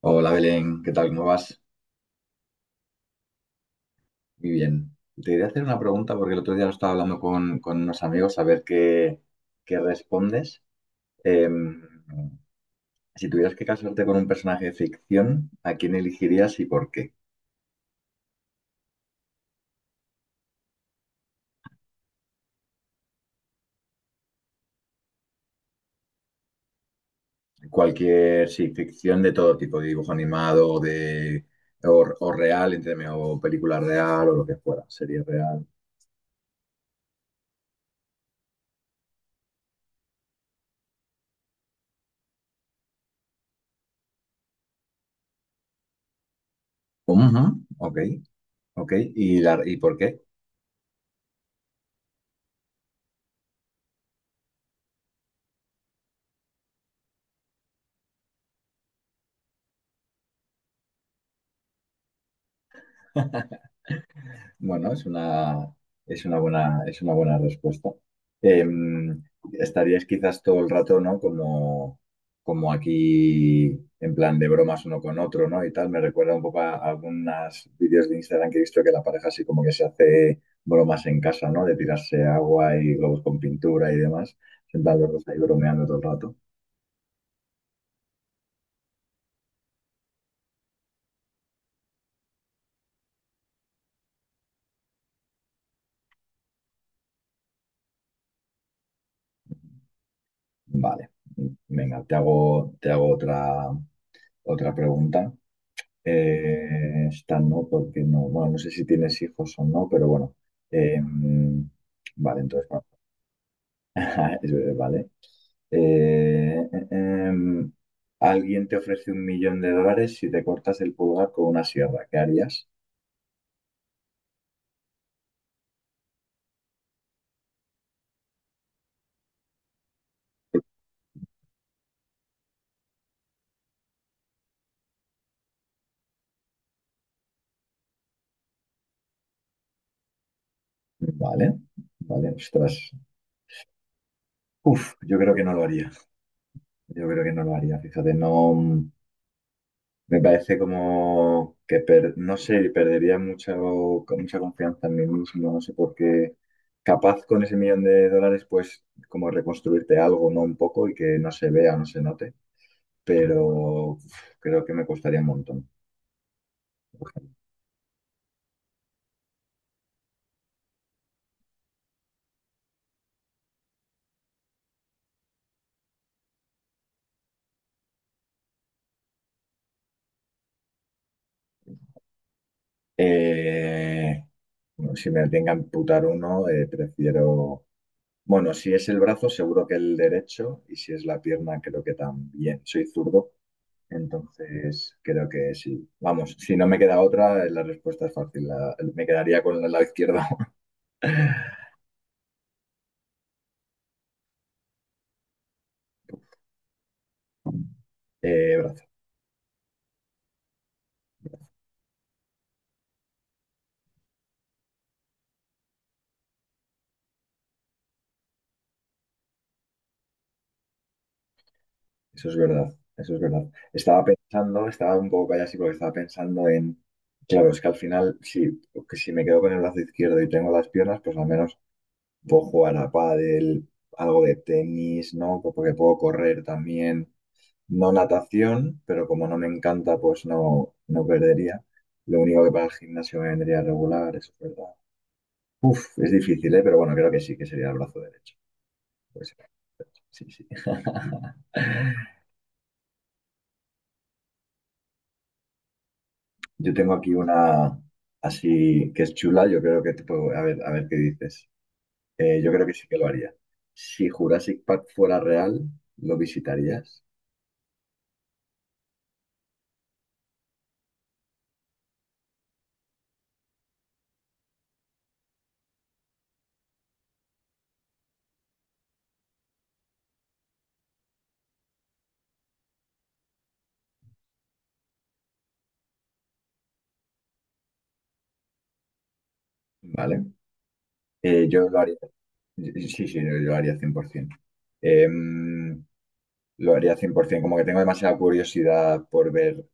Hola Belén, ¿qué tal? ¿Cómo vas? Muy bien. Te quería hacer una pregunta porque el otro día lo estaba hablando con unos amigos a ver qué respondes. Em, si tuvieras que casarte con un personaje de ficción, ¿a quién elegirías y por qué? Cualquier, sí, ficción de todo tipo, de dibujo animado o de, o real, entiéndeme, o película real o lo que fuera, serie real. Ujú, ok, ok. ¿Y por qué? Bueno, es una buena respuesta. Em, Estarías quizás todo el rato, ¿no? Como, como aquí, en plan de bromas uno con otro, ¿no? Y tal. Me recuerda un poco a algunos vídeos de Instagram que he visto que la pareja así como que se hace bromas en casa, ¿no? De tirarse agua y globos con pintura y demás. Sentados los dos ahí bromeando todo el rato. Vale. Venga, te hago otra pregunta. Esta no, porque no, bueno, no sé si tienes hijos o no, pero bueno. Eh, vale, entonces, bueno, es verdad, vale. Eh, eh, em, Alguien te ofrece $1 millón si te cortas el pulgar con una sierra, ¿qué harías? Vale, vale, ostras. Uf, yo creo que no lo haría. Yo creo que no lo haría. Fíjate, no. Me parece como que, no sé, perdería mucha confianza en mí mismo, no sé por qué. Capaz con ese millón de dólares, pues, como reconstruirte algo, ¿no? Un poco y que no se vea, no se note, pero uf, creo que me costaría un montón. Eh, bueno, si me tenga que amputar uno, prefiero... Bueno, si es el brazo, seguro que el derecho, y si es la pierna, creo que también. Soy zurdo. Entonces, creo que sí. Vamos, si no me queda otra, la respuesta es fácil. Me quedaría con el lado izquierdo. Brazo. Eso es verdad. Eso es verdad. Estaba pensando, estaba un poco callado así porque estaba pensando en. Claro, es que al final, sí, que si me quedo con el brazo izquierdo y tengo las piernas, pues al menos puedo jugar a pádel, algo de tenis, ¿no? Porque puedo correr también. No natación, pero como no me encanta, pues no, no perdería. Lo único que para el gimnasio me vendría regular, eso es verdad. Uf, es difícil, ¿eh? Pero bueno, creo que sí, que sería el brazo derecho. Pues, sí, sí. Yo tengo aquí una así que es chula, yo creo que te puedo, a ver qué dices. Yo creo que sí que lo haría. Si Jurassic Park fuera real, ¿lo visitarías? ¿Vale? Yo lo haría. Sí, sí, yo lo haría 100%. Eh, Lo haría 100%, como que tengo demasiada curiosidad por ver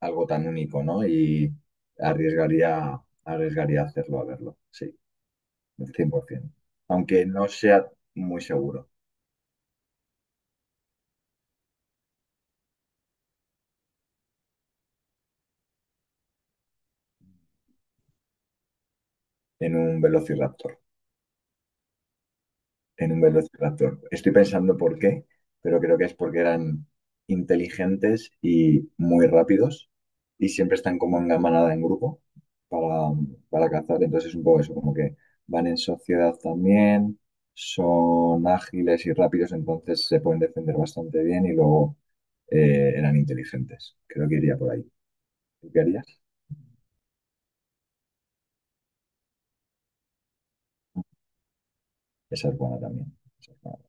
algo tan único, ¿no? Y arriesgaría hacerlo a verlo, sí, 100%. Aunque no sea muy seguro en un velociraptor. Estoy pensando por qué, pero creo que es porque eran inteligentes y muy rápidos y siempre están como en manada, en grupo, para, para cazar. Entonces es un poco eso, como que van en sociedad también, son ágiles y rápidos, entonces se pueden defender bastante bien y luego eran inteligentes. Creo que iría por ahí. ¿Tú qué harías? Esa es buena también. Esa es buena.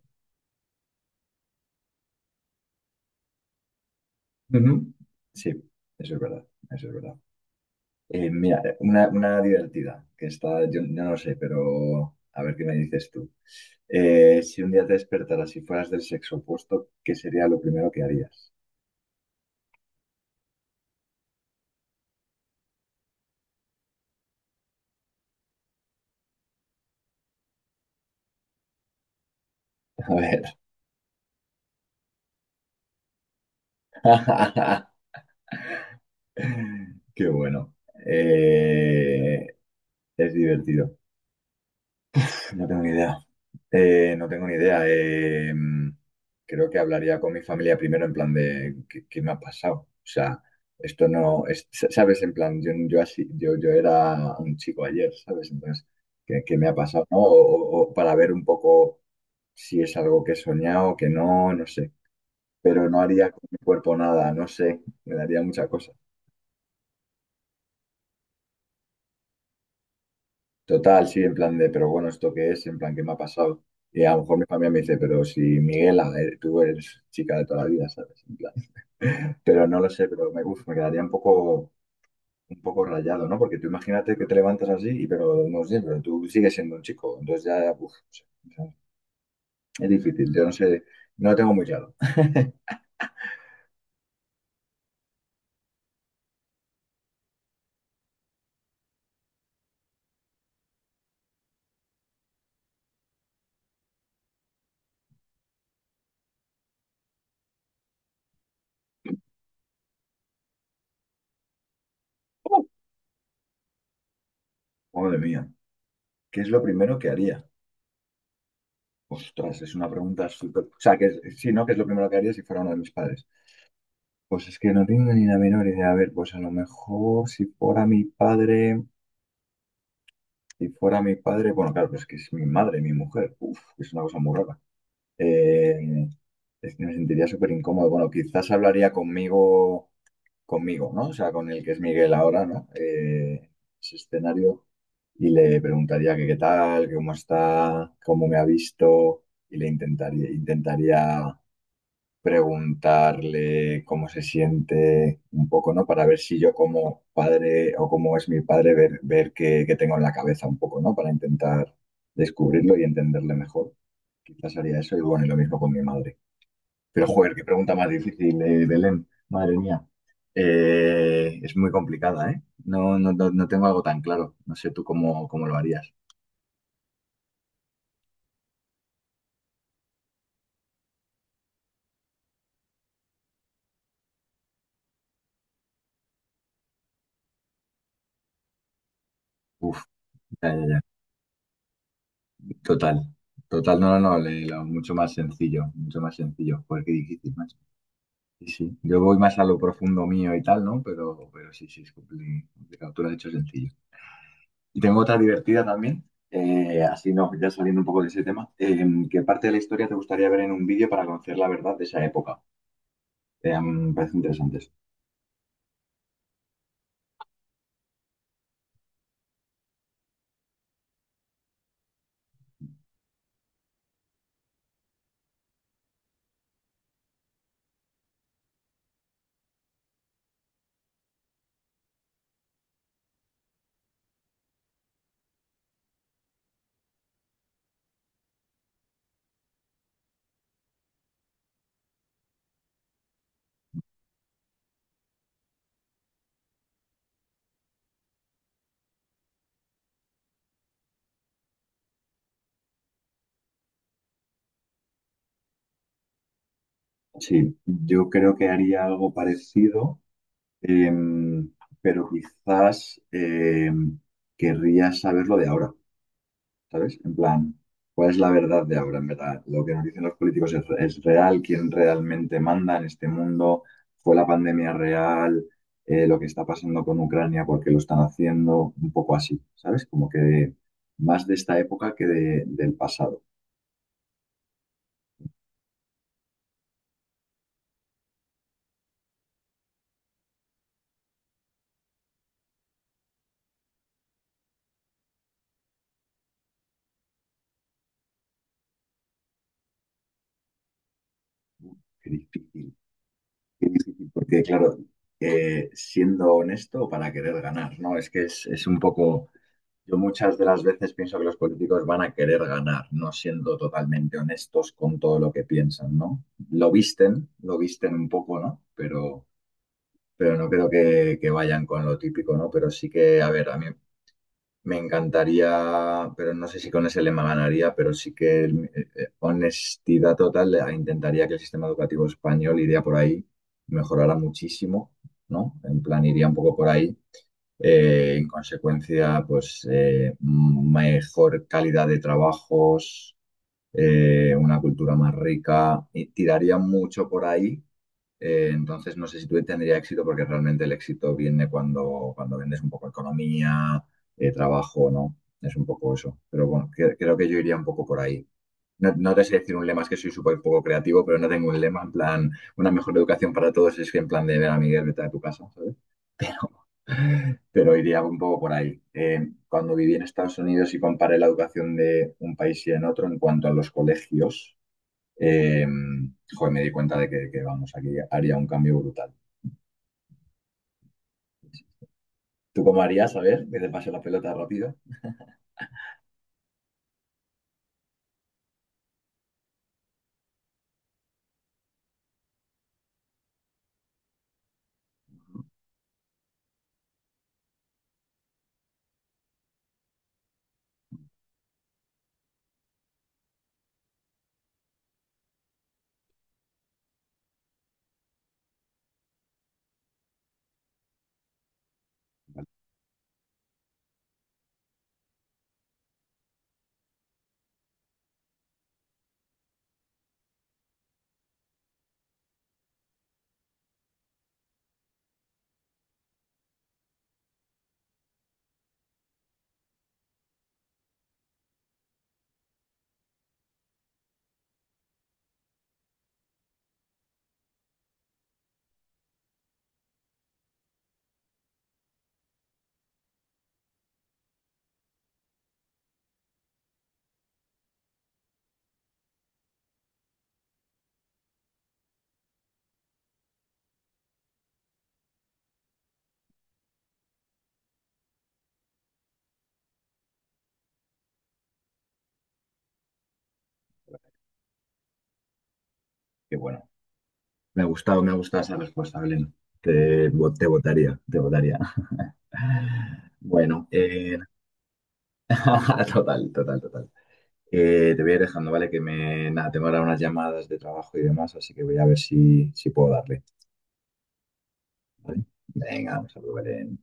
Ujú. Sí, eso es verdad, eso es verdad. Mira, una divertida, que está, yo no lo sé, pero a ver qué me dices tú. Si un día te despertaras y fueras del sexo opuesto, ¿qué sería lo primero que harías? A ver. Qué bueno. Eh, es divertido. No tengo ni idea. No tengo ni idea. Creo que hablaría con mi familia primero en plan de ¿qué, qué me ha pasado? O sea, esto no es, ¿sabes? En plan, yo, yo así, yo era un chico ayer, ¿sabes? Entonces, ¿qué me ha pasado? ¿No? O para ver un poco si es algo que he soñado, que no, no sé. Pero no haría con mi cuerpo nada, no sé. Me daría mucha cosa. Total, sí, en plan de, pero bueno, ¿esto qué es? En plan, ¿qué me ha pasado? Y a lo mejor mi familia me dice, pero si Miguela, tú eres chica de toda la vida, ¿sabes? En plan, pero no lo sé, pero me quedaría un poco rayado, ¿no? Porque tú imagínate que te levantas así, y pero no sé, pero tú sigues siendo un chico, entonces ya, uf, no sé, o sea, es difícil, yo no sé, no lo tengo muy claro. Madre mía, ¿qué es lo primero que haría? Ostras, es una pregunta súper... O sea, que, sí, ¿no? ¿Qué es lo primero que haría si fuera uno de mis padres? Pues es que no tengo ni la menor idea. A ver, pues a lo mejor si fuera mi padre, si fuera mi padre, bueno, claro, pues es que es mi madre, mi mujer. Uf, es una cosa muy rara. Eh, es que me sentiría súper incómodo. Bueno, quizás hablaría conmigo, ¿no? O sea, con el que es Miguel ahora, ¿no? Ese escenario. Y le preguntaría que qué tal, que cómo está, cómo me ha visto. Y le intentaría preguntarle cómo se siente un poco, ¿no? Para ver si yo como padre o cómo es mi padre, ver qué tengo en la cabeza un poco, ¿no? Para intentar descubrirlo y entenderle mejor. Quizás haría eso y bueno, y lo mismo con mi madre. Pero joder, qué pregunta más difícil, Belén, madre mía. Es muy complicada, ¿eh? No, no, no, no tengo algo tan claro. No sé tú cómo, cómo lo harías. Uf, ya, ya, ya. Total. Total, no, no, no, mucho más sencillo, mucho más sencillo. Joder, qué difícil, macho. Sí, sí. Yo voy más a lo profundo mío y tal, ¿no? Pero sí, sí, es complicado. Tú lo has dicho sencillo. Y tengo otra divertida también, así no, ya saliendo un poco de ese tema. ¿Qué parte de la historia te gustaría ver en un vídeo para conocer la verdad de esa época? A mí me parecen interesantes. Sí, yo creo que haría algo parecido, eh, pero quizás querría saber lo de ahora. ¿Sabes? En plan, ¿cuál es la verdad de ahora, en verdad? ¿Lo que nos dicen los políticos es real? ¿Quién realmente manda en este mundo? ¿Fue la pandemia real? ¿Lo que está pasando con Ucrania? ¿Por qué lo están haciendo? Un poco así, ¿sabes? Como que más de esta época que del pasado. Qué difícil, qué difícil, porque claro, siendo honesto para querer ganar, ¿no? Es que es un poco... Yo muchas de las veces pienso que los políticos van a querer ganar, no siendo totalmente honestos con todo lo que piensan, ¿no? Lo visten un poco, ¿no? Pero no creo que vayan con lo típico, ¿no? Pero sí que, a ver, a mí me encantaría, pero no sé si con ese lema ganaría, pero sí que honestidad total, intentaría que el sistema educativo español iría por ahí, mejorara muchísimo, ¿no? En plan, iría un poco por ahí en consecuencia, pues mejor calidad de trabajos, una cultura más rica, y tiraría mucho por ahí. Entonces, no sé si tú tendría éxito porque realmente el éxito viene cuando vendes un poco economía, trabajo, ¿no? Es un poco eso. Pero bueno, creo que yo iría un poco por ahí. No, no te sé decir un lema, es que soy súper poco creativo, pero no tengo un lema en plan, una mejor educación para todos, es que en plan de ver a Miguel, vete a tu casa, ¿sabes? Pero iría un poco por ahí. Cuando viví en Estados Unidos y comparé la educación de un país y en otro en cuanto a los colegios, eh, joder, me di cuenta de vamos, aquí haría un cambio brutal. ¿Tú cómo harías? A ver, que te pase la pelota rápido. Que bueno, me ha gustado esa respuesta, Belén. Te, te votaría, te votaría. Bueno, total, total, total. Te voy a ir dejando, ¿vale? Que me, nada, tengo ahora unas llamadas de trabajo y demás, así que voy a ver si, puedo darle. Venga, vamos a probar en